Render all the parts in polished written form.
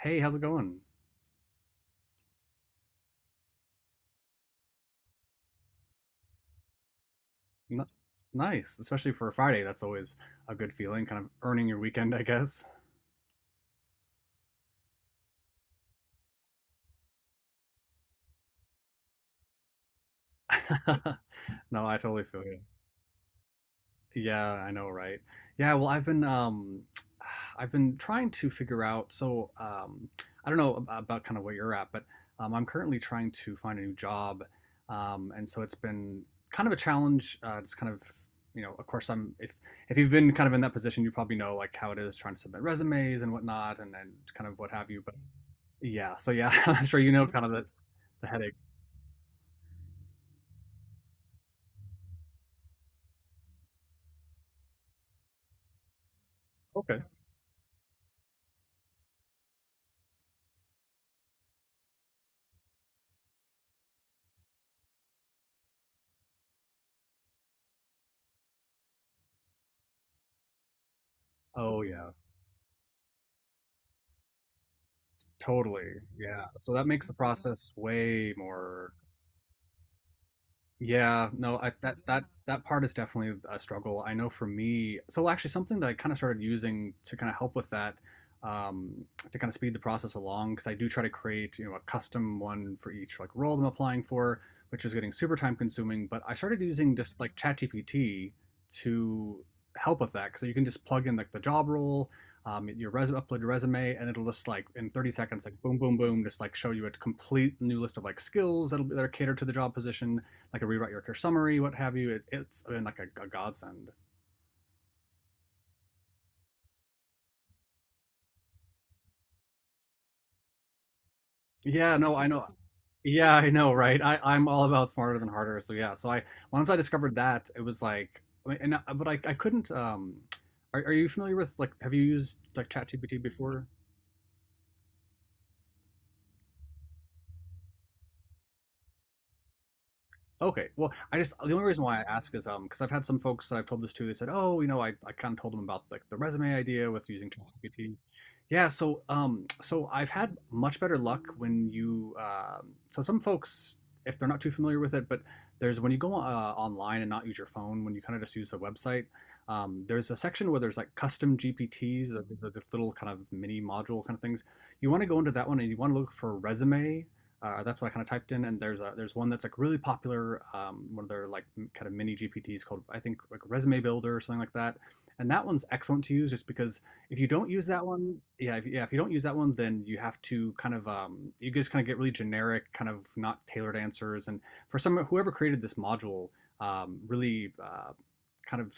Hey, how's it going? N- Nice, especially for a Friday. That's always a good feeling, kind of earning your weekend, I guess. No, I totally feel you. Yeah, I know, right? Yeah, well, I've been I've been trying to figure out I don't know about kind of where you're at, but I'm currently trying to find a new job. And so it's been kind of a challenge. It's kind of you know, of course I'm if you've been kind of in that position, you probably know like how it is trying to submit resumes and whatnot, and kind of what have you. Yeah. So yeah, I'm sure you know kind of the headache. Okay. Oh yeah, totally. Yeah. So that makes the process way more. Yeah, no, I, that that that part is definitely a struggle. I know for me, so actually something that I kind of started using to kind of help with that, um, to kind of speed the process along, because I do try to create, you know, a custom one for each like role I'm applying for, which is getting super time consuming. But I started using just like ChatGPT to help with that, so you can just plug in like the job role, your resume, upload your resume, and it'll just like in 30 seconds, like boom, boom, boom, just like show you a complete new list of like skills that'll be that are catered to the job position like a rewrite your summary, what have you. It's been like a godsend. Yeah, no, I know. Yeah, I know, right? I'm all about smarter than harder. So yeah, so I once I discovered that, it was like, I mean, but I couldn't. Are you familiar with like have you used like ChatGPT before? Okay. Well, I just the only reason why I ask is because I've had some folks that I've told this to. They said, "Oh, you know, I kind of told them about like the resume idea with using ChatGPT." Yeah. So I've had much better luck when you so some folks if they're not too familiar with it, but there's when you go online and not use your phone, when you kind of just use the website. There's a section where there's like custom GPTs. There's a this little kind of mini module kind of things. You want to go into that one and you want to look for resume, that's what I kind of typed in, and there's one that's like really popular, one of their like kind of mini GPTs called I think like Resume Builder or something like that, and that one's excellent to use just because if you don't use that one, yeah, if you don't use that one, then you have to kind of you just kind of get really generic, kind of not tailored answers, and for some whoever created this module, really kind of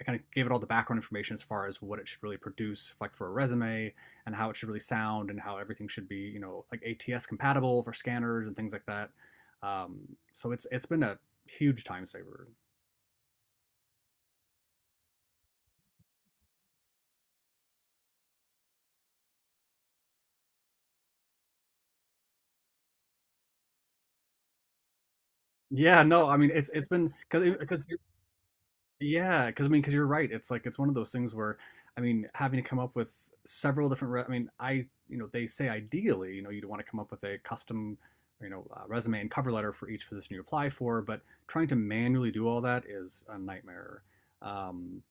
I kind of gave it all the background information as far as what it should really produce, like for a resume, and how it should really sound and how everything should be, you know, like ATS compatible for scanners and things like that. Um, so it's been a huge time saver. Yeah, no, I mean it's been because yeah, because I mean because you're right. It's like it's one of those things where I mean having to come up with several different. I mean I you know they say ideally you know you'd want to come up with a custom you know resume and cover letter for each position you apply for, but trying to manually do all that is a nightmare. Um,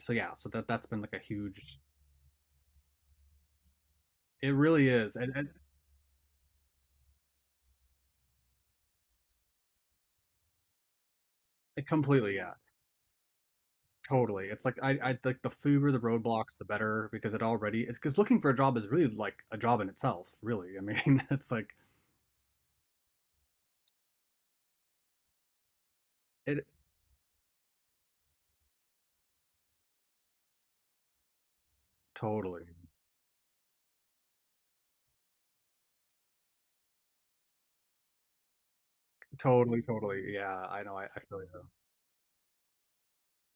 so yeah, so that that's been like a huge. It really is, and it completely, yeah, totally. It's like I like the fewer the roadblocks, the better because it already it's because looking for a job is really like a job in itself. Really, I mean, it's like it totally, totally, totally. Yeah, I know. I feel you.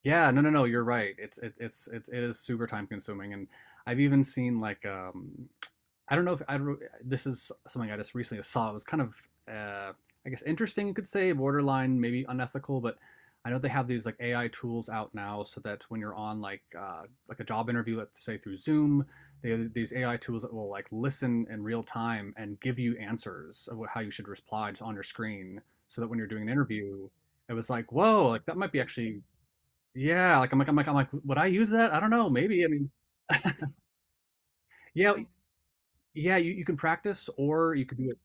Yeah, no, no, no. You're right. It's it is super time consuming, and I've even seen like I don't know if I don't. This is something I just recently saw. It was kind of, I guess, interesting. You could say borderline, maybe unethical, but I know they have these like AI tools out now, so that when you're on like a job interview, let's say through Zoom, they have these AI tools that will like listen in real time and give you answers of how you should reply just on your screen, so that when you're doing an interview, it was like, whoa, like that might be actually, yeah. Like, would I use that? I don't know. Maybe. I mean, yeah, yeah. You can practice, or you could do it.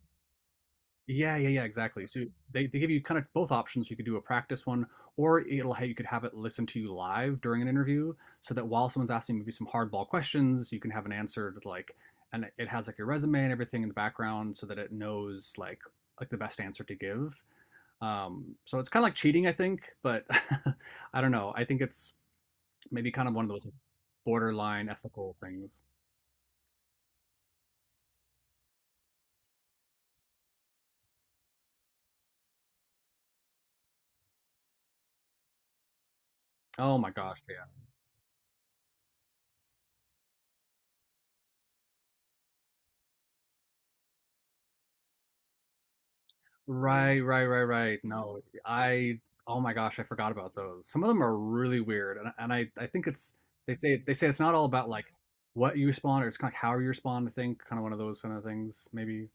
Yeah, yeah, yeah, exactly. So they give you kind of both options. You could do a practice one, or it'll have, you could have it listen to you live during an interview, so that while someone's asking maybe some hardball questions, you can have an answer to like, and it has like your resume and everything in the background, so that it knows like the best answer to give. So it's kind of like cheating, I think, but I don't know. I think it's maybe kind of one of those borderline ethical things. Oh my gosh, yeah. Right, right, right, right. No, I oh my gosh, I forgot about those. Some of them are really weird, and I think it's they say it's not all about like what you spawn, or it's kind of how you spawn. I think kind of one of those kind of things, maybe.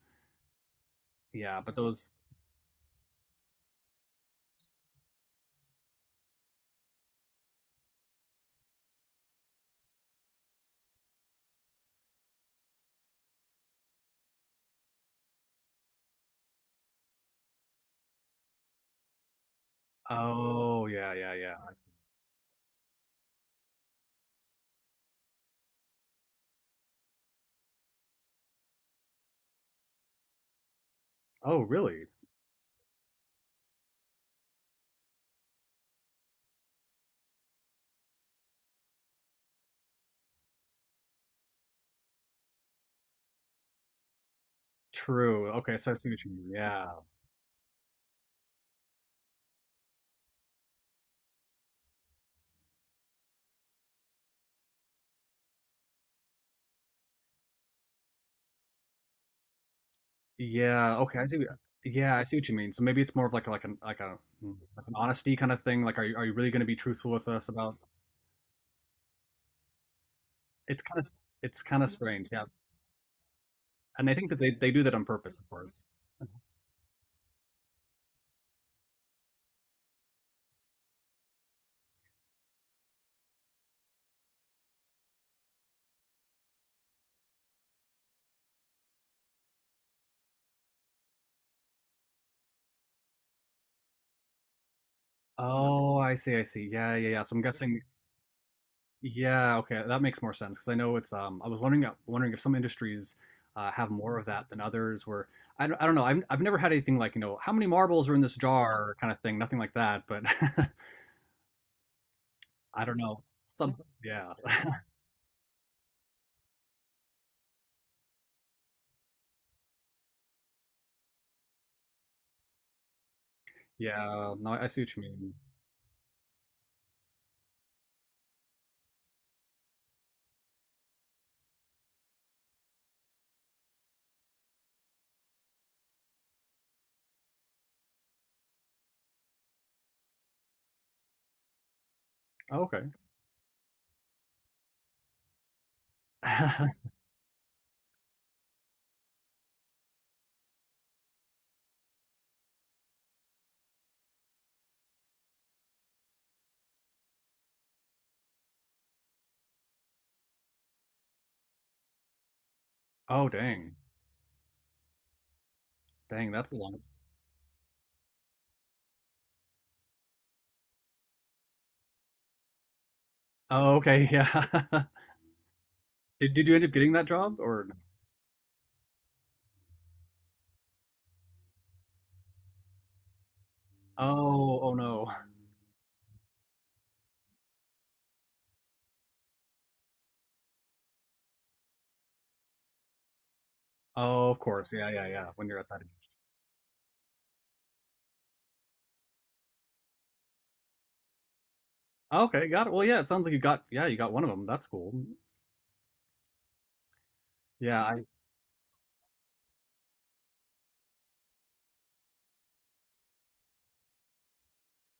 Yeah, but those. Oh yeah, yeah, yeah. Oh really? True. Okay, so I see what you mean. Yeah, yeah. Okay, I see. Yeah, I see what you mean. So maybe it's more of like a, like an like a hmm, like an honesty kind of thing. Like, are you really going to be truthful with us about? It's kind of it's kind of strange. Yeah. And I think that they do that on purpose, of course. Oh, I see, I see. Yeah, yeah, yeah. So I'm guessing yeah, okay, that makes more sense because I know it's I was wondering wondering if some industries have more of that than others where I don't know. I've never had anything like, you know, how many marbles are in this jar kind of thing, nothing like that, but I don't know. Some yeah. Yeah, no, I see what you mean. Oh, okay. Oh, dang. Dang, that's a long. Oh, okay, yeah. Did you end up getting that job or? Oh, oh no. Oh, of course. Yeah, yeah, yeah. When you're at that age. Okay, got it. Well, yeah, it sounds like you got yeah, you got one of them. That's cool. Yeah, I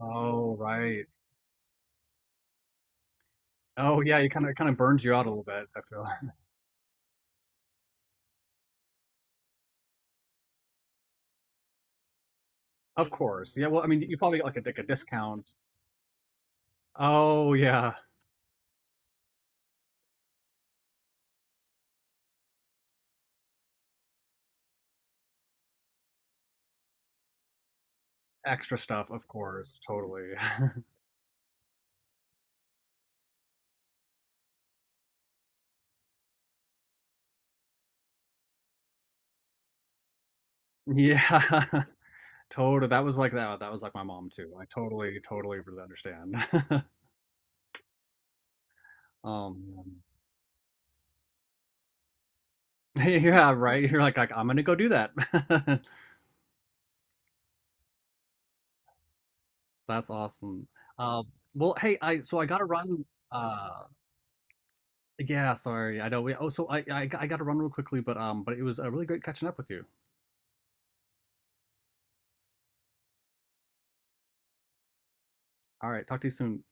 oh, right. Oh, yeah, you kind of burns you out a little bit, I feel. Of course. Yeah, well, I mean, you probably got like like a discount. Oh, yeah. Extra stuff, of course. Totally. Yeah. Totally. That was like that. That was like my mom too. I totally, totally really understand. Um, Yeah, right. You're like, I'm gonna go do that. That's awesome. Um, well, hey, I so I gotta run. Uh, yeah, sorry. I know. Oh, I gotta run real quickly, but it was a really great catching up with you. All right, talk to you soon.